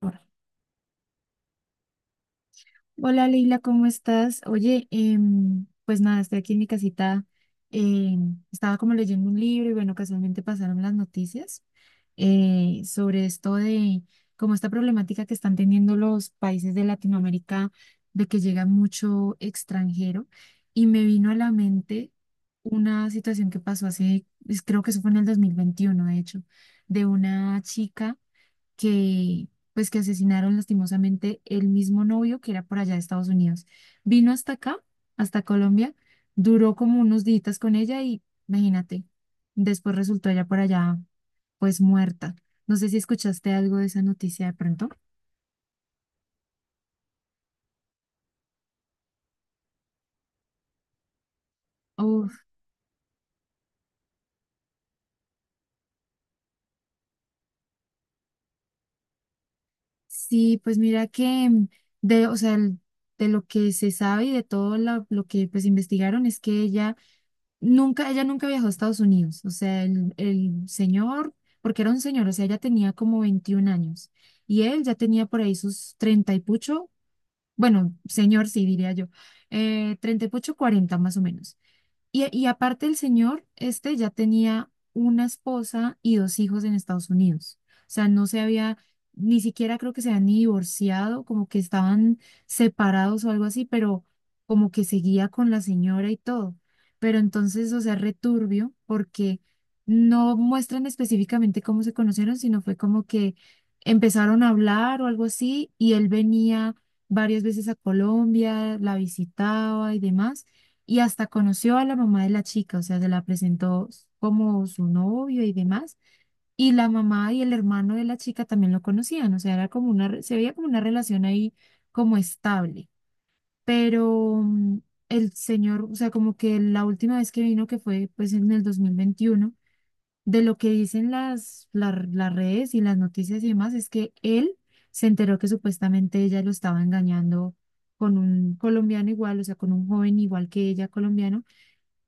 Ahora. Hola Leila, ¿cómo estás? Oye, pues nada, estoy aquí en mi casita. Estaba como leyendo un libro y bueno, casualmente pasaron las noticias sobre esto de como esta problemática que están teniendo los países de Latinoamérica, de que llega mucho extranjero y me vino a la mente una situación que pasó hace, pues, creo que eso fue en el 2021, de hecho, de una chica que pues que asesinaron lastimosamente el mismo novio que era por allá de Estados Unidos. Vino hasta acá, hasta Colombia, duró como unos días con ella y, imagínate, después resultó ella por allá pues muerta. No sé si escuchaste algo de esa noticia de pronto. Uf, sí, pues mira que de, o sea, de lo que se sabe y de todo lo que pues investigaron es que ella nunca, ella nunca viajó a Estados Unidos. O sea, el señor, porque era un señor, o sea, ella tenía como 21 años y él ya tenía por ahí sus 30 y pucho, bueno, señor sí diría yo, 30 y pucho, 40 más o menos. Y aparte el señor, este ya tenía una esposa y dos hijos en Estados Unidos. O sea, no se había, ni siquiera creo que se habían ni divorciado, como que estaban separados o algo así, pero como que seguía con la señora y todo. Pero entonces, o sea, returbio, porque no muestran específicamente cómo se conocieron, sino fue como que empezaron a hablar o algo así, y él venía varias veces a Colombia, la visitaba y demás, y hasta conoció a la mamá de la chica, o sea, se la presentó como su novio y demás, y la mamá y el hermano de la chica también lo conocían, o sea, era como una, se veía como una relación ahí como estable, pero el señor, o sea, como que la última vez que vino, que fue pues en el 2021, de lo que dicen las, las redes y las noticias y demás, es que él se enteró que supuestamente ella lo estaba engañando con un colombiano igual, o sea, con un joven igual que ella colombiano,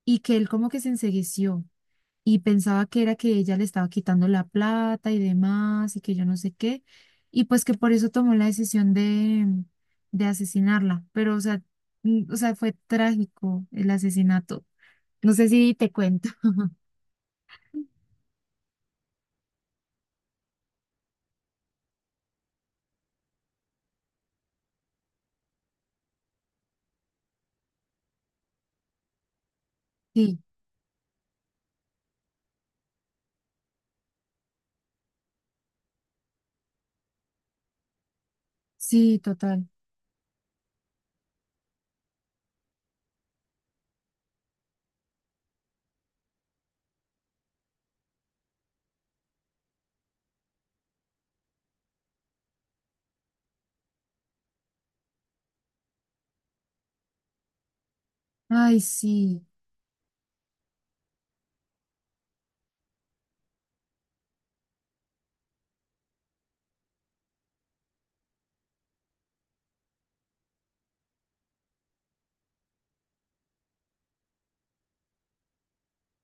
y que él como que se ensegueció y pensaba que era que ella le estaba quitando la plata y demás y que yo no sé qué, y pues que por eso tomó la decisión de asesinarla, pero o sea, o sea, fue trágico el asesinato. No sé si te cuento. Sí, sí, total. Ay, sí.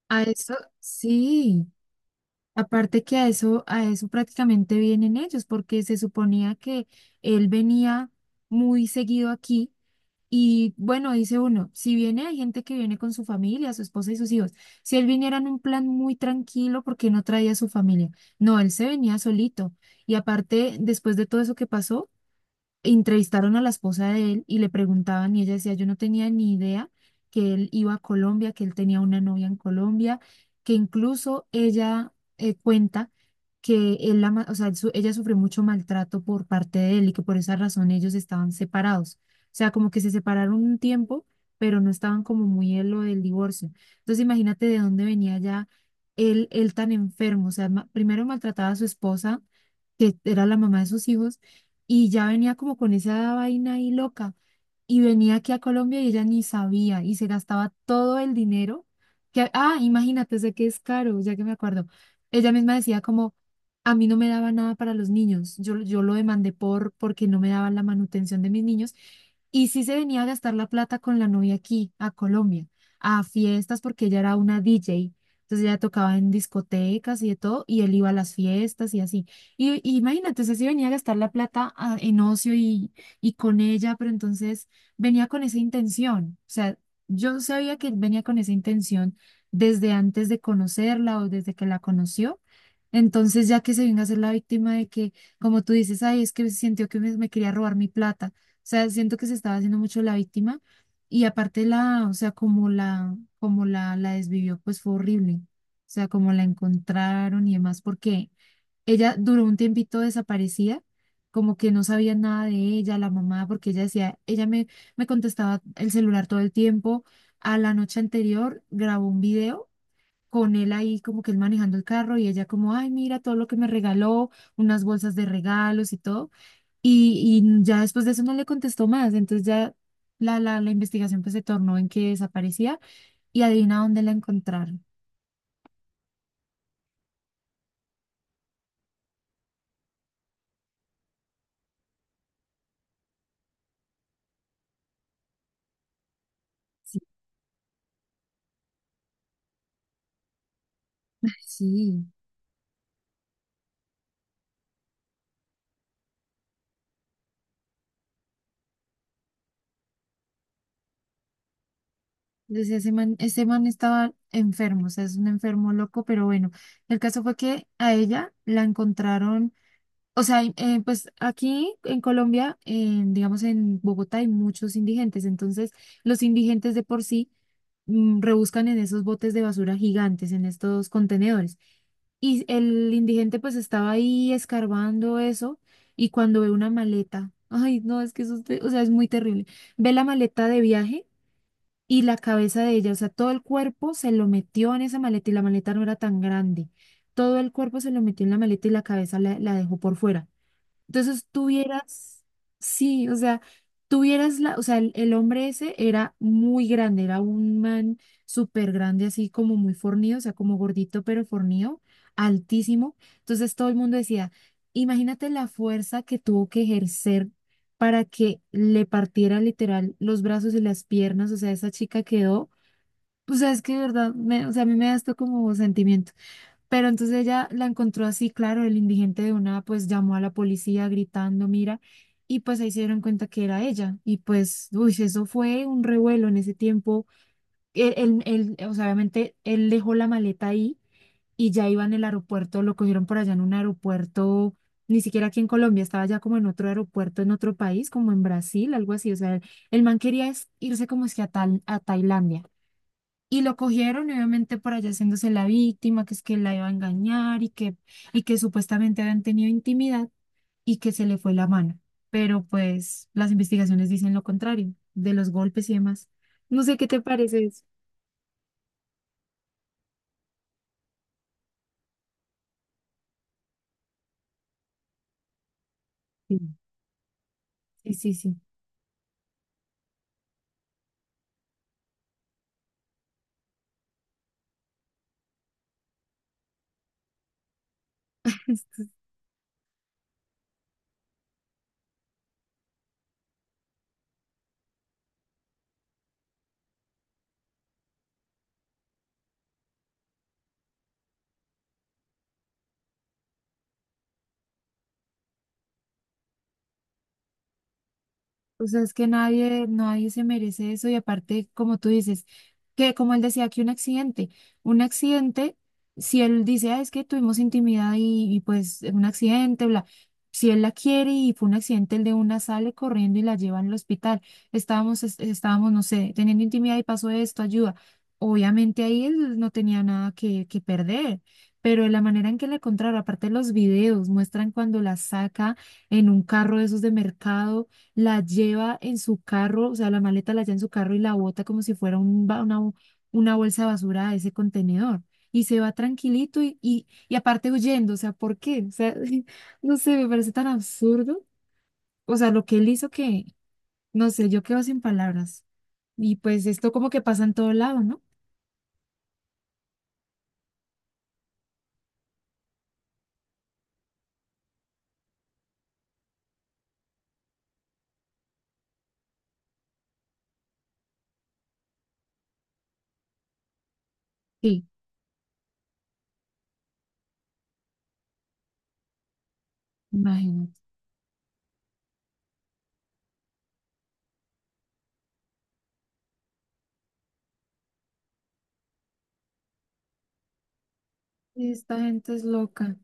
A eso, sí. Aparte que a eso prácticamente vienen ellos, porque se suponía que él venía muy seguido aquí. Y bueno, dice uno, si viene, hay gente que viene con su familia, su esposa y sus hijos. Si él viniera en un plan muy tranquilo, ¿por qué no traía a su familia? No, él se venía solito. Y aparte, después de todo eso que pasó, entrevistaron a la esposa de él y le preguntaban y ella decía, yo no tenía ni idea que él iba a Colombia, que él tenía una novia en Colombia, que incluso ella cuenta que o sea, ella sufrió mucho maltrato por parte de él y que por esa razón ellos estaban separados. O sea, como que se separaron un tiempo, pero no estaban como muy en lo del divorcio. Entonces imagínate de dónde venía ya él tan enfermo. O sea, primero maltrataba a su esposa, que era la mamá de sus hijos, y ya venía como con esa vaina ahí loca y venía aquí a Colombia y ella ni sabía y se gastaba todo el dinero que, ah, imagínate, sé que es caro, ya que me acuerdo. Ella misma decía como, a mí no me daba nada para los niños, yo lo demandé por, porque no me daban la manutención de mis niños y sí se venía a gastar la plata con la novia aquí, a Colombia, a fiestas porque ella era una DJ. Entonces ella tocaba en discotecas y de todo, y él iba a las fiestas y así. Y imagínate, o sea, si venía a gastar la plata ah, en ocio y con ella, pero entonces venía con esa intención. O sea, yo sabía que él venía con esa intención desde antes de conocerla o desde que la conoció. Entonces, ya que se venga a ser la víctima de que, como tú dices, ay, es que sintió que me quería robar mi plata. O sea, siento que se estaba haciendo mucho la víctima. Y aparte la, o sea, como la desvivió, pues fue horrible. O sea, como la encontraron y demás, porque ella duró un tiempito desaparecida, como que no sabía nada de ella, la mamá, porque ella decía, ella me, me contestaba el celular todo el tiempo. A la noche anterior grabó un video con él ahí, como que él manejando el carro y ella como, ay, mira todo lo que me regaló, unas bolsas de regalos y todo. Y ya después de eso no le contestó más, entonces ya la investigación pues se tornó en que desaparecía y adivina dónde la encontraron. Sí. Sí, decía, ese man estaba enfermo, o sea, es un enfermo loco, pero bueno, el caso fue que a ella la encontraron, o sea, pues aquí en Colombia, en, digamos en Bogotá hay muchos indigentes, entonces los indigentes de por sí rebuscan en esos botes de basura gigantes, en estos contenedores. Y el indigente pues estaba ahí escarbando eso y cuando ve una maleta, ay, no, es que eso, o sea, es muy terrible. Ve la maleta de viaje y la cabeza de ella, o sea, todo el cuerpo se lo metió en esa maleta y la maleta no era tan grande. Todo el cuerpo se lo metió en la maleta y la cabeza la, la dejó por fuera. Entonces tuvieras, sí, o sea, tuvieras la, o sea, el hombre ese era muy grande, era un man súper grande, así como muy fornido, o sea, como gordito pero fornido, altísimo. Entonces todo el mundo decía, imagínate la fuerza que tuvo que ejercer para que le partiera literal los brazos y las piernas, o sea, esa chica quedó, o sea, es que de verdad, o sea, a mí me da esto como sentimiento. Pero entonces ella la encontró así, claro, el indigente de una, pues llamó a la policía gritando, mira, y pues ahí se dieron cuenta que era ella. Y pues, uy, eso fue un revuelo en ese tiempo. Él, él, o sea, obviamente él dejó la maleta ahí y ya iba en el aeropuerto, lo cogieron por allá en un aeropuerto, ni siquiera aquí en Colombia, estaba ya como en otro aeropuerto, en otro país, como en Brasil, algo así. O sea, el man quería es irse como es que a, a Tailandia. Y lo cogieron, y obviamente por allá haciéndose la víctima, que es que la iba a engañar y que supuestamente habían tenido intimidad y que se le fue la mano. Pero pues las investigaciones dicen lo contrario, de los golpes y demás. No sé qué te parece eso. Sí. Sí, sí, sí. O sea, es que nadie, nadie se merece eso y aparte, como tú dices, que como él decía que un accidente, si él dice, "Ah, es que tuvimos intimidad y, pues un accidente, bla, si él la quiere y fue un accidente, el de una sale corriendo y la lleva al hospital, estábamos, estábamos, no sé, teniendo intimidad y pasó esto, ayuda. Obviamente ahí él no tenía nada que, que perder, pero de la manera en que la encontraron, aparte los videos muestran cuando la saca en un carro de esos de mercado, la lleva en su carro, o sea, la maleta la lleva en su carro y la bota como si fuera una, una bolsa de basura a ese contenedor. Y se va tranquilito y aparte huyendo, o sea, ¿por qué? O sea, no sé, me parece tan absurdo. O sea, lo que él hizo que, no sé, yo quedo sin palabras. Y pues esto como que pasa en todo lado, ¿no? Sí, imagínate. Esta gente es loca.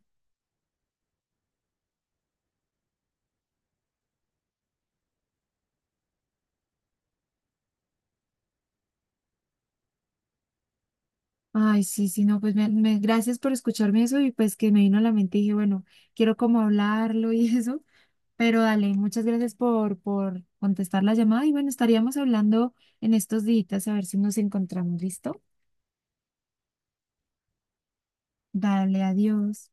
Ay, sí, sí, no, pues me, gracias por escucharme eso y pues que me vino a la mente y dije, bueno, quiero como hablarlo y eso. Pero dale, muchas gracias por contestar la llamada y bueno, estaríamos hablando en estos días a ver si nos encontramos. ¿Listo? Dale, adiós.